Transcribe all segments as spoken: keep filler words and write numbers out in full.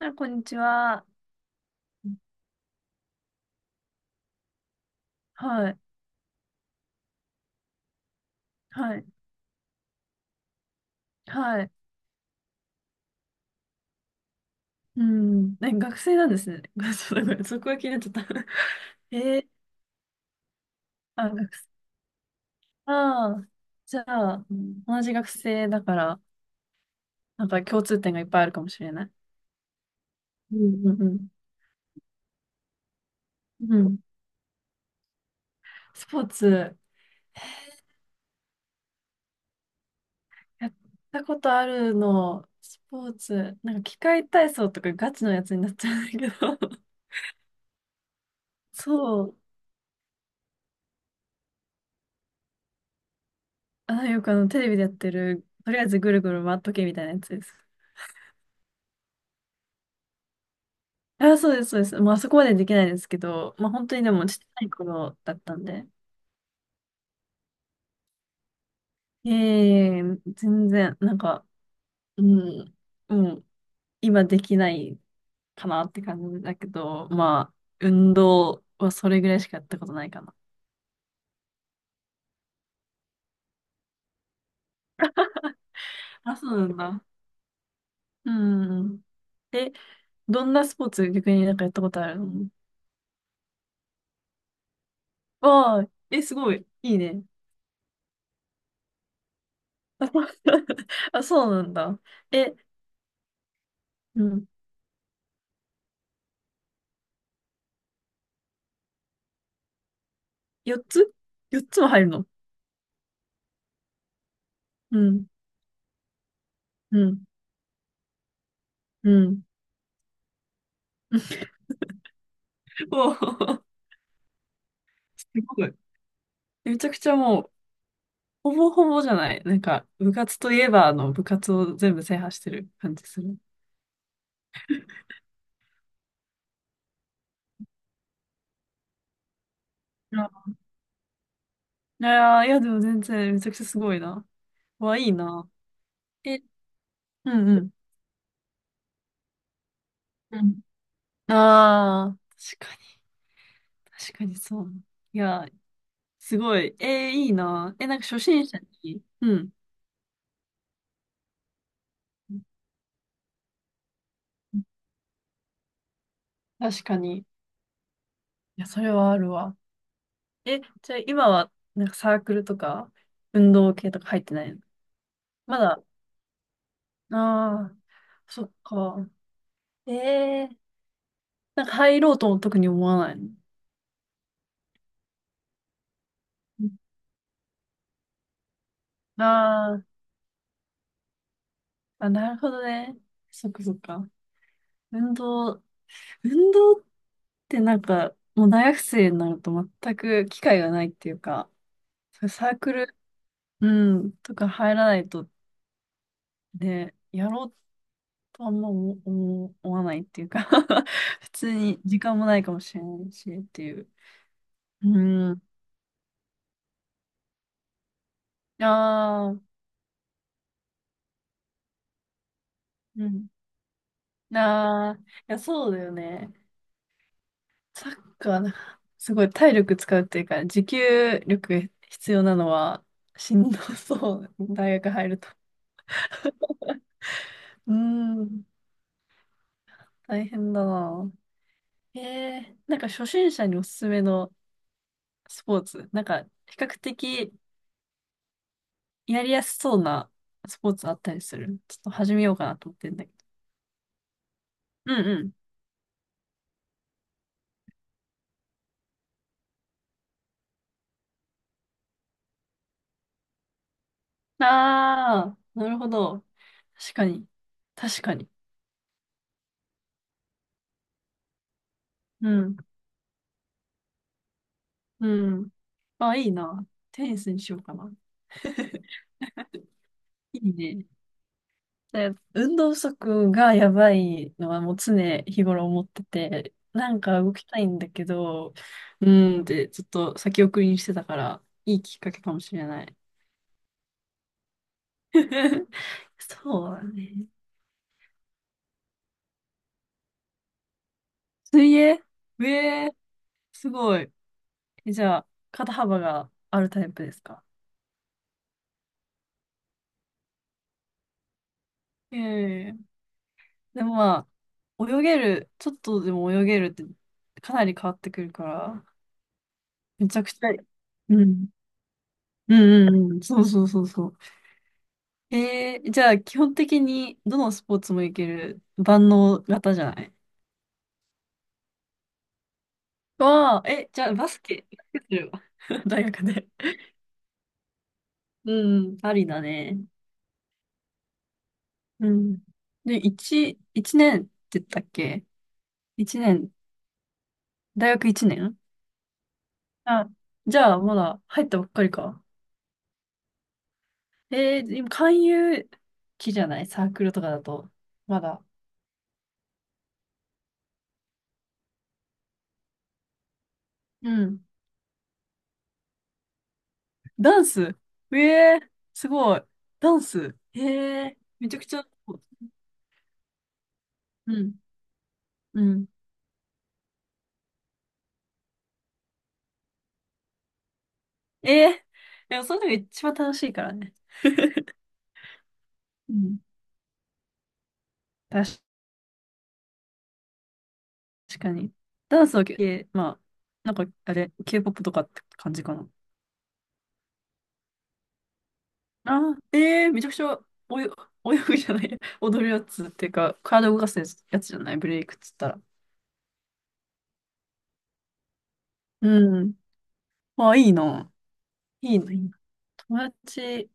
あ、こんにちは。はい、はい、はい。うん、え、学生なんですね。そうだ、ごめん、そこが気になっちゃった。えー、あ、学生。ああ、じゃあ、うん、同じ学生だから、なんか共通点がいっぱいあるかもしれない。うんうんうん。うん。スポーツ、やったことあるの、スポーツ、なんか器械体操とかガチのやつになっちゃうんだけど、そう、あ、よくあの、テレビでやってる、とりあえずぐるぐる回っとけみたいなやつです。あ、そうです、そうです。まあ、そこまでできないですけど、まあ、本当にでも、ちっちゃい頃だったんで。ええ全然、なんか、うん、もう、今できないかなって感じだけど、まあ、運動はそれぐらいしかやったことないかな。あ、そうなんだ。うん。え、どんなスポーツ、逆になんかやったことあるの？ああ、え、すごい。いいね。あ、そうなんだ。え、うん。よっつ？ よっ つも入るの？うん、うん、うん。おー。 すごい。めちゃくちゃもう、ほぼほぼじゃない。なんか、部活といえば、あの、部活を全部制覇してる感じする。あ、いやー、いや、でも全然、めちゃくちゃすごいな。わ、いいな。え、うんうん。うん。ああー、確かに、確かにそう。いや、すごい。えー、いいな。え、なんか初心者に、うん、確かに。いや、それはあるわ。え、じゃあ今は、なんかサークルとか、運動系とか入ってないの？まだ？ああ、そっか。ええなんか入ろうとも特に思わないの。うん、あー、あ、なるほどね。そっかそっか。運動、運動ってなんか、もう大学生になると全く機会がないっていうか、そういうサークル、うん、とか入らないと、ね、やろうとあんま思思思わないっていうか。 普通に時間もないかもしれないしっていう。うん。ああ、うん。ああ、いや、そうだよね。サッカーな、すごい体力使うっていうか、持久力必要なのはしんどそう。大学入ると。うーん、大変だな。ええなんか初心者におすすめのスポーツ、なんか比較的やりやすそうなスポーツあったりする？ちょっと始めようかなと思ってんだけど。うんうん。ああ、なるほど。確かに。確かに。うん。うん。あ、いいな。テニスにしようかな。いいね。で運動不足がやばいのはもう常日頃思ってて、なんか動きたいんだけど、うーんってちょっと先送りにしてたから、いいきっかけかもしれない。そうだね。水泳？ええー、すごい。え、じゃあ、肩幅があるタイプですか？ええでもまあ、泳げる、ちょっとでも泳げるってかなり変わってくるから、めちゃくちゃ、うん。うんうんうん。そうそうそうそう。えー、じゃあ、基本的にどのスポーツもいける万能型じゃない？わあ、え、じゃあ、バスケ、バスケするわ。大学で。うん、ありだね。うん。で、一、一年って言ったっけ？一年、大学一年？あ、じゃあ、まだ入ったばっかりか。えー、今、勧誘期じゃないサークルとかだと。まだ。うん。ダンス？ええー、すごい。ダンス？ええー、めちゃくちゃ、うん。うん、ええ、でもその時が一番楽しいからね。うん。確かに。ダンスは系、えまあ、なんか、あれ、ケーポップ とかって感じかな。ああ、ええ、めちゃくちゃ、およ、泳ぐじゃない、踊るやつっていうか、体動かすやつ、やつじゃない、ブレイクっつったら。うん。ああ、いいな。いいな、いいな。友達、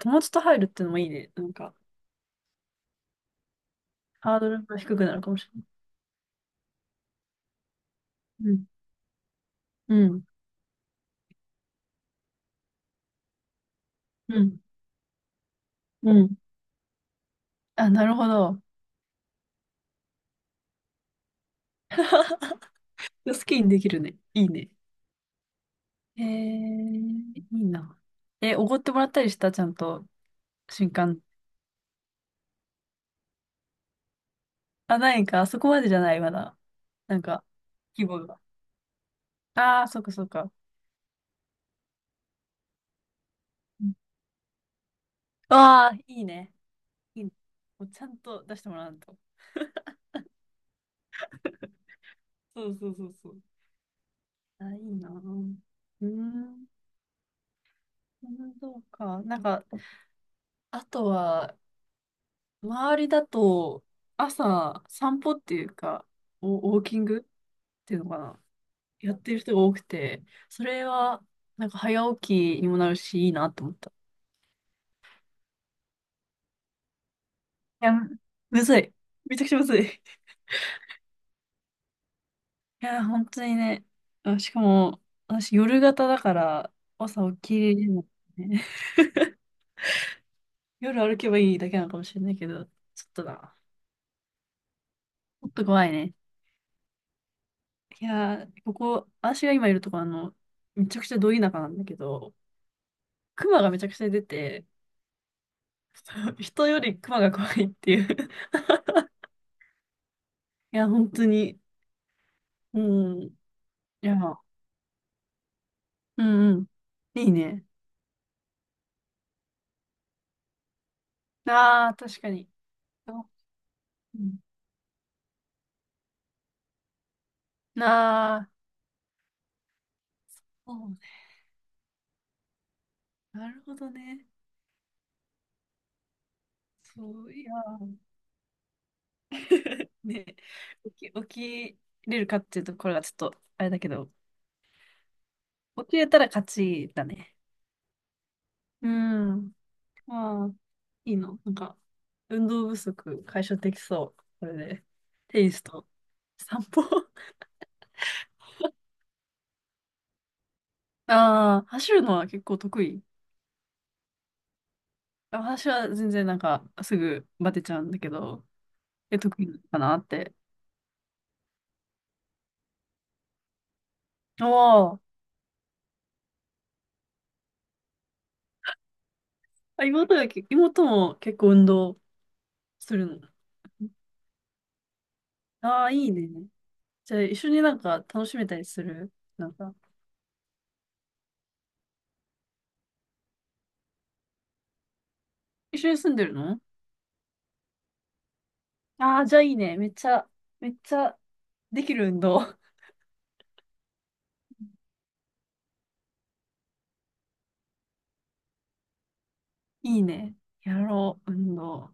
友達と入るってのもいいね。なんか、ハードルが低くなるかもしれない。うん。うん。うん。うん。あ、なるほど。好きにできるね。いいね。えー、いいな。え、おごってもらったりしたちゃんと、瞬間。あ、ないか、あそこまでじゃない、まだ。なんか、規模が。ああ、そっかそっか。ああー、いいね。いいね。もうちゃんと出してもらわんと。そうそうそうそう。あ、いいな。うーん、そうか。なんか、あとは、周りだと、朝、散歩っていうか、おウォーキングっていうのかな。やってる人が多くて、それは、なんか早起きにもなるし、いいなと思った。いや、むずい。めちゃくちゃむずい。いや、本当にね。あ、しかも、私夜型だから、朝起きれるのね。夜歩けばいいだけなのかもしれないけど、ちょっとな。ちょっと怖いね。いやー、ここ、私が今いるとこ、あの、めちゃくちゃど田舎なんだけど、熊がめちゃくちゃ出て、人より熊が怖いっていう。いや、本当に、うん。いや、うんうん。いいね。ああ、確かに。うん。ああ、そうね。なるほどね。そう、いやー、ね。起き、起きれるかっていうところがちょっと、あれだけど、起きれたら勝ちだね。うん。ああ、いいの。なんか、運動不足解消できそう。これで。テニスと散歩。ああ、走るのは結構得意。あ、私は全然なんか、すぐバテちゃうんだけど、え、得意かなって。ああ、あ、妹がけ、妹も結構運動するの？ああ、いいね。じゃあ、一緒になんか楽しめたりする？なんか、一緒に住んでるの？ああ、じゃあいいね。めっちゃ、めっちゃできる運動。いいね。やろう、運動。